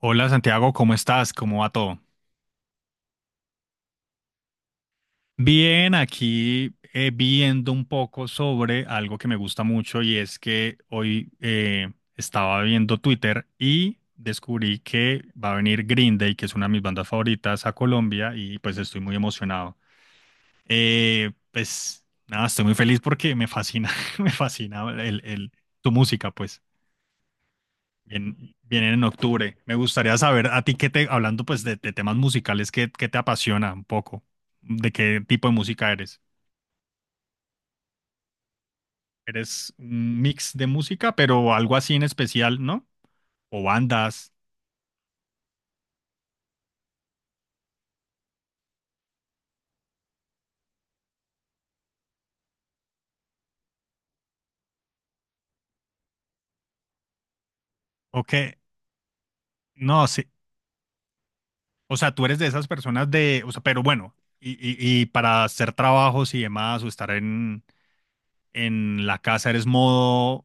Hola Santiago, ¿cómo estás? ¿Cómo va todo? Bien, aquí viendo un poco sobre algo que me gusta mucho y es que hoy estaba viendo Twitter y descubrí que va a venir Green Day, que es una de mis bandas favoritas, a Colombia y pues estoy muy emocionado. Pues nada, estoy muy feliz porque me fascina, me fascina tu música, pues. Bien, vienen en octubre. Me gustaría saber a ti qué te, hablando pues de temas musicales, qué te apasiona un poco, de qué tipo de música eres. ¿Eres un mix de música, pero algo así en especial, no? O bandas, o qué, no, sí. O sea, tú eres de esas personas de, o sea, pero bueno, y para hacer trabajos y demás, o estar en la casa, ¿eres modo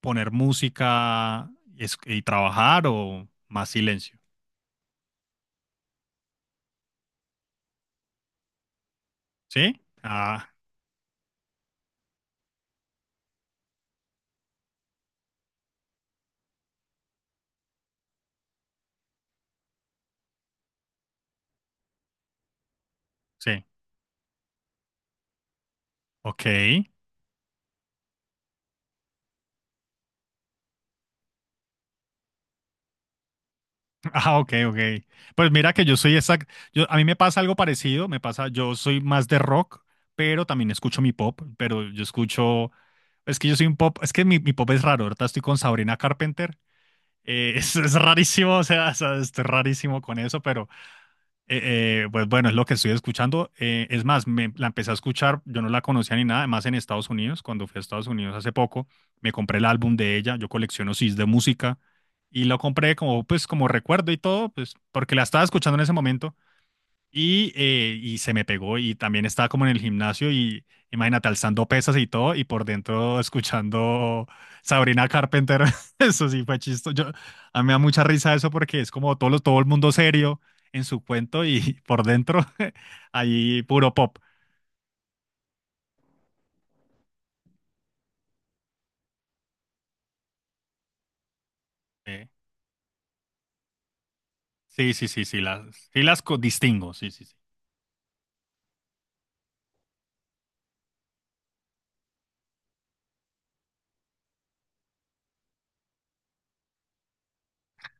poner música y, y trabajar o más silencio? ¿Sí? Ah, sí. Ok. Ah, ok, ok. Pues mira que yo soy exacto. Yo, a mí me pasa algo parecido. Me pasa, yo soy más de rock, pero también escucho mi pop. Pero yo escucho. Es que yo soy un pop. Es que mi pop es raro. Ahorita estoy con Sabrina Carpenter. Es rarísimo, o sea, es rarísimo con eso, pero. Pues bueno, es lo que estoy escuchando. Es más, la empecé a escuchar, yo no la conocía ni nada, además en Estados Unidos, cuando fui a Estados Unidos hace poco, me compré el álbum de ella, yo colecciono CDs de música y lo compré como pues como recuerdo y todo, pues porque la estaba escuchando en ese momento y se me pegó y también estaba como en el gimnasio y imagínate alzando pesas y todo y por dentro escuchando Sabrina Carpenter. Eso sí fue chistoso. A mí me da mucha risa eso porque es como todo, todo el mundo serio en su cuento y por dentro ahí puro pop. Eh, sí, sí, sí, sí, sí las distingo, sí, sí, sí.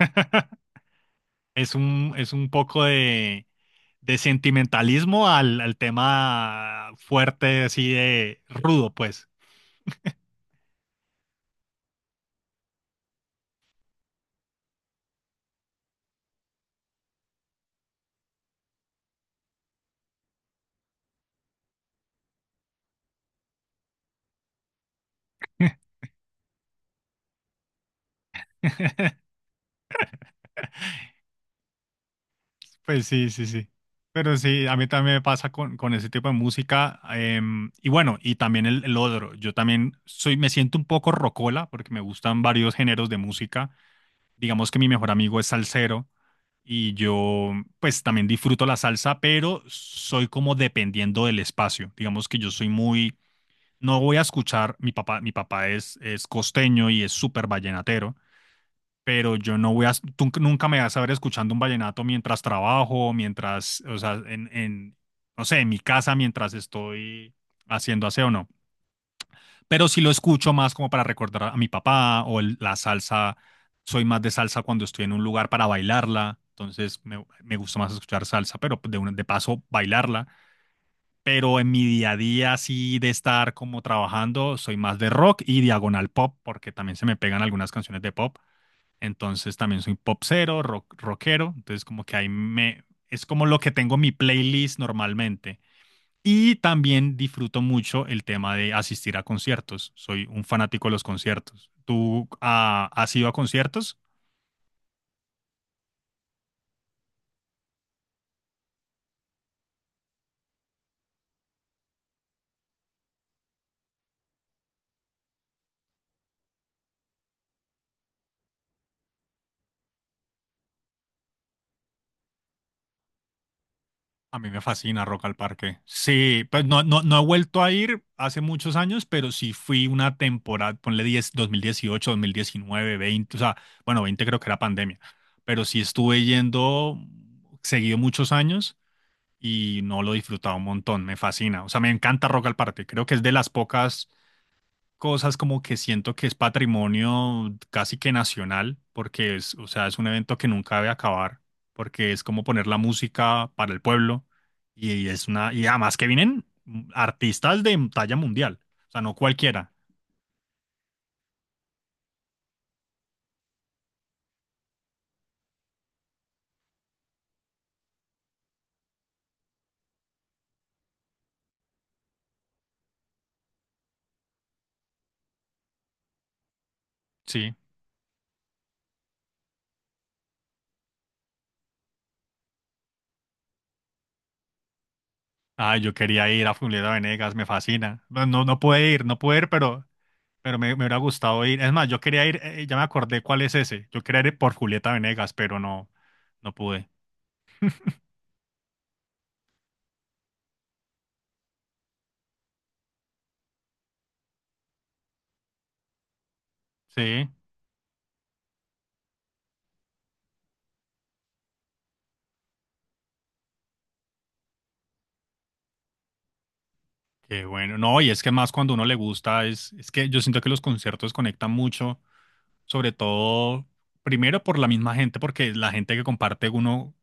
Es un poco de sentimentalismo al tema fuerte, así de rudo, pues. Pues sí, sí, sí. Pero sí, a mí también me pasa con ese tipo de música. Y bueno, y también el otro. Me siento un poco rocola porque me gustan varios géneros de música. Digamos que mi mejor amigo es salsero y yo pues también disfruto la salsa, pero soy como dependiendo del espacio. Digamos que yo soy muy, no voy a escuchar, mi papá es costeño y es súper vallenatero, pero yo no voy a, tú nunca me vas a ver escuchando un vallenato mientras trabajo, mientras, o sea, en, no sé, en mi casa, mientras estoy haciendo aseo, no. Pero sí lo escucho más como para recordar a mi papá la salsa. Soy más de salsa cuando estoy en un lugar para bailarla, entonces me gusta más escuchar salsa, pero de paso bailarla. Pero en mi día a día, así de estar como trabajando, soy más de rock y diagonal pop, porque también se me pegan algunas canciones de pop, entonces también soy popsero, rock, rockero. Entonces como que ahí me... Es como lo que tengo en mi playlist normalmente. Y también disfruto mucho el tema de asistir a conciertos. Soy un fanático de los conciertos. ¿Tú has ido a conciertos? A mí me fascina Rock al Parque. Sí, pues no, no, no he vuelto a ir hace muchos años, pero sí fui una temporada, ponle 10, 2018, 2019, 20, o sea, bueno, 20 creo que era pandemia, pero sí estuve yendo seguido muchos años y no lo he disfrutado un montón, me fascina. O sea, me encanta Rock al Parque, creo que es de las pocas cosas como que siento que es patrimonio casi que nacional, porque es, o sea, es un evento que nunca debe acabar, porque es como poner la música para el pueblo y es una, y además que vienen artistas de talla mundial, o sea, no cualquiera, sí. Ah, yo quería ir a Julieta Venegas, me fascina. No, no, no pude ir, no pude ir, pero... Pero me hubiera gustado ir. Es más, yo quería ir, ya me acordé cuál es ese. Yo quería ir por Julieta Venegas, pero no, no pude. Sí, qué bueno. No, y es que más cuando uno le gusta, es que yo siento que los conciertos conectan mucho, sobre todo, primero por la misma gente, porque la gente que comparte uno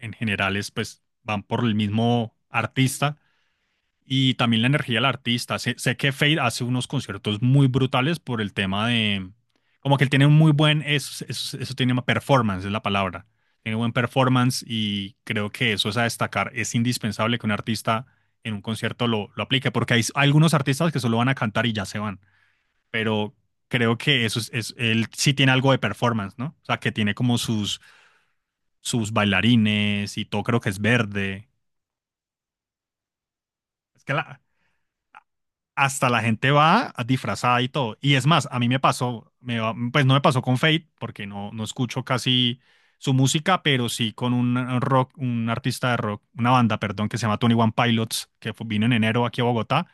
en general es, pues, van por el mismo artista. Y también la energía del artista. Sé que Fade hace unos conciertos muy brutales por el tema de... Como que él tiene un muy buen... Eso tiene una performance, es la palabra. Tiene buen performance y creo que eso es a destacar. Es indispensable que un artista en un concierto lo aplique, porque hay algunos artistas que solo van a cantar y ya se van. Pero creo que él sí tiene algo de performance, ¿no? O sea, que tiene como sus bailarines y todo, creo que es verde. Es que la, hasta la gente va disfrazada y todo. Y es más, a mí me pasó, pues no me pasó con Fate, porque no, no escucho casi su música, pero sí con un rock, un artista de rock, una banda, perdón, que se llama Tony One Pilots, que vino en enero aquí a Bogotá.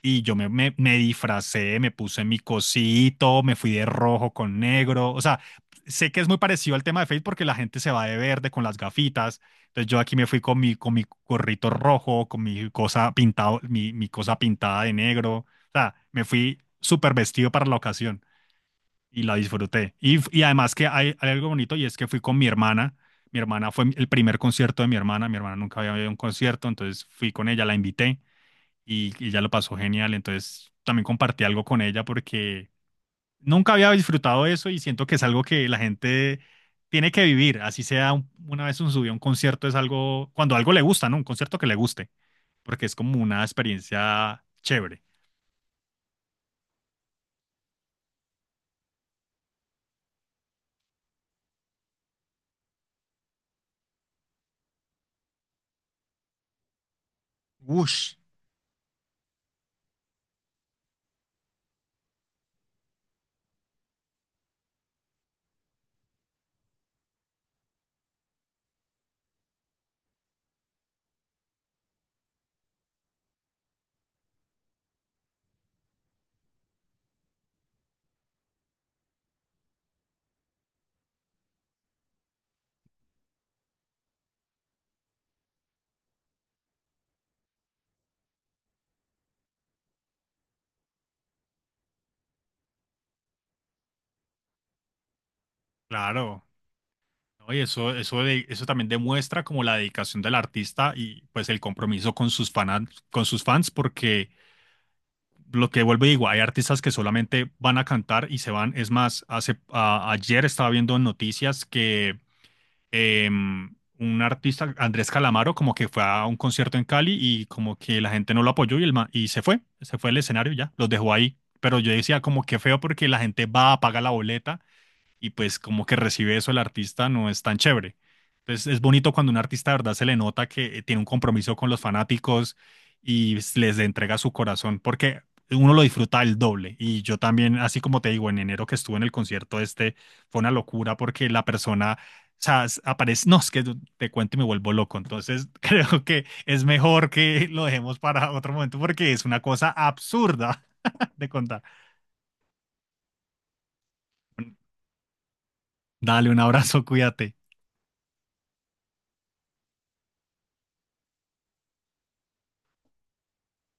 Y me disfracé, me puse mi cosito, me fui de rojo con negro. O sea, sé que es muy parecido al tema de Face porque la gente se va de verde con las gafitas. Entonces yo aquí me fui con mi gorrito rojo, con mi cosa pintado, mi cosa pintada de negro. O sea, me fui súper vestido para la ocasión y la disfruté. Y además que hay algo bonito y es que fui con mi hermana. Mi hermana fue el primer concierto de mi hermana. Mi hermana nunca había ido a un concierto, entonces fui con ella, la invité y ella lo pasó genial. Entonces también compartí algo con ella porque nunca había disfrutado eso y siento que es algo que la gente tiene que vivir. Así sea una vez un subió a un concierto, es algo, cuando algo le gusta, ¿no? Un concierto que le guste, porque es como una experiencia chévere. Ush, claro. ¿No? Y eso, eso también demuestra como la dedicación del artista y pues el compromiso con con sus fans, porque lo que vuelve digo, hay artistas que solamente van a cantar y se van. Es más, ayer estaba viendo en noticias que un artista, Andrés Calamaro, como que fue a un concierto en Cali y como que la gente no lo apoyó y, y se fue del escenario y ya, los dejó ahí. Pero yo decía como que feo porque la gente va, paga la boleta y pues como que recibe eso el artista no es tan chévere. Entonces es bonito cuando un artista de verdad se le nota que tiene un compromiso con los fanáticos y les entrega su corazón, porque uno lo disfruta el doble. Y yo también, así como te digo, en enero que estuve en el concierto este, fue una locura porque la persona, o sea, aparece, no, es que te cuento y me vuelvo loco. Entonces creo que es mejor que lo dejemos para otro momento porque es una cosa absurda de contar. Dale un abrazo, cuídate.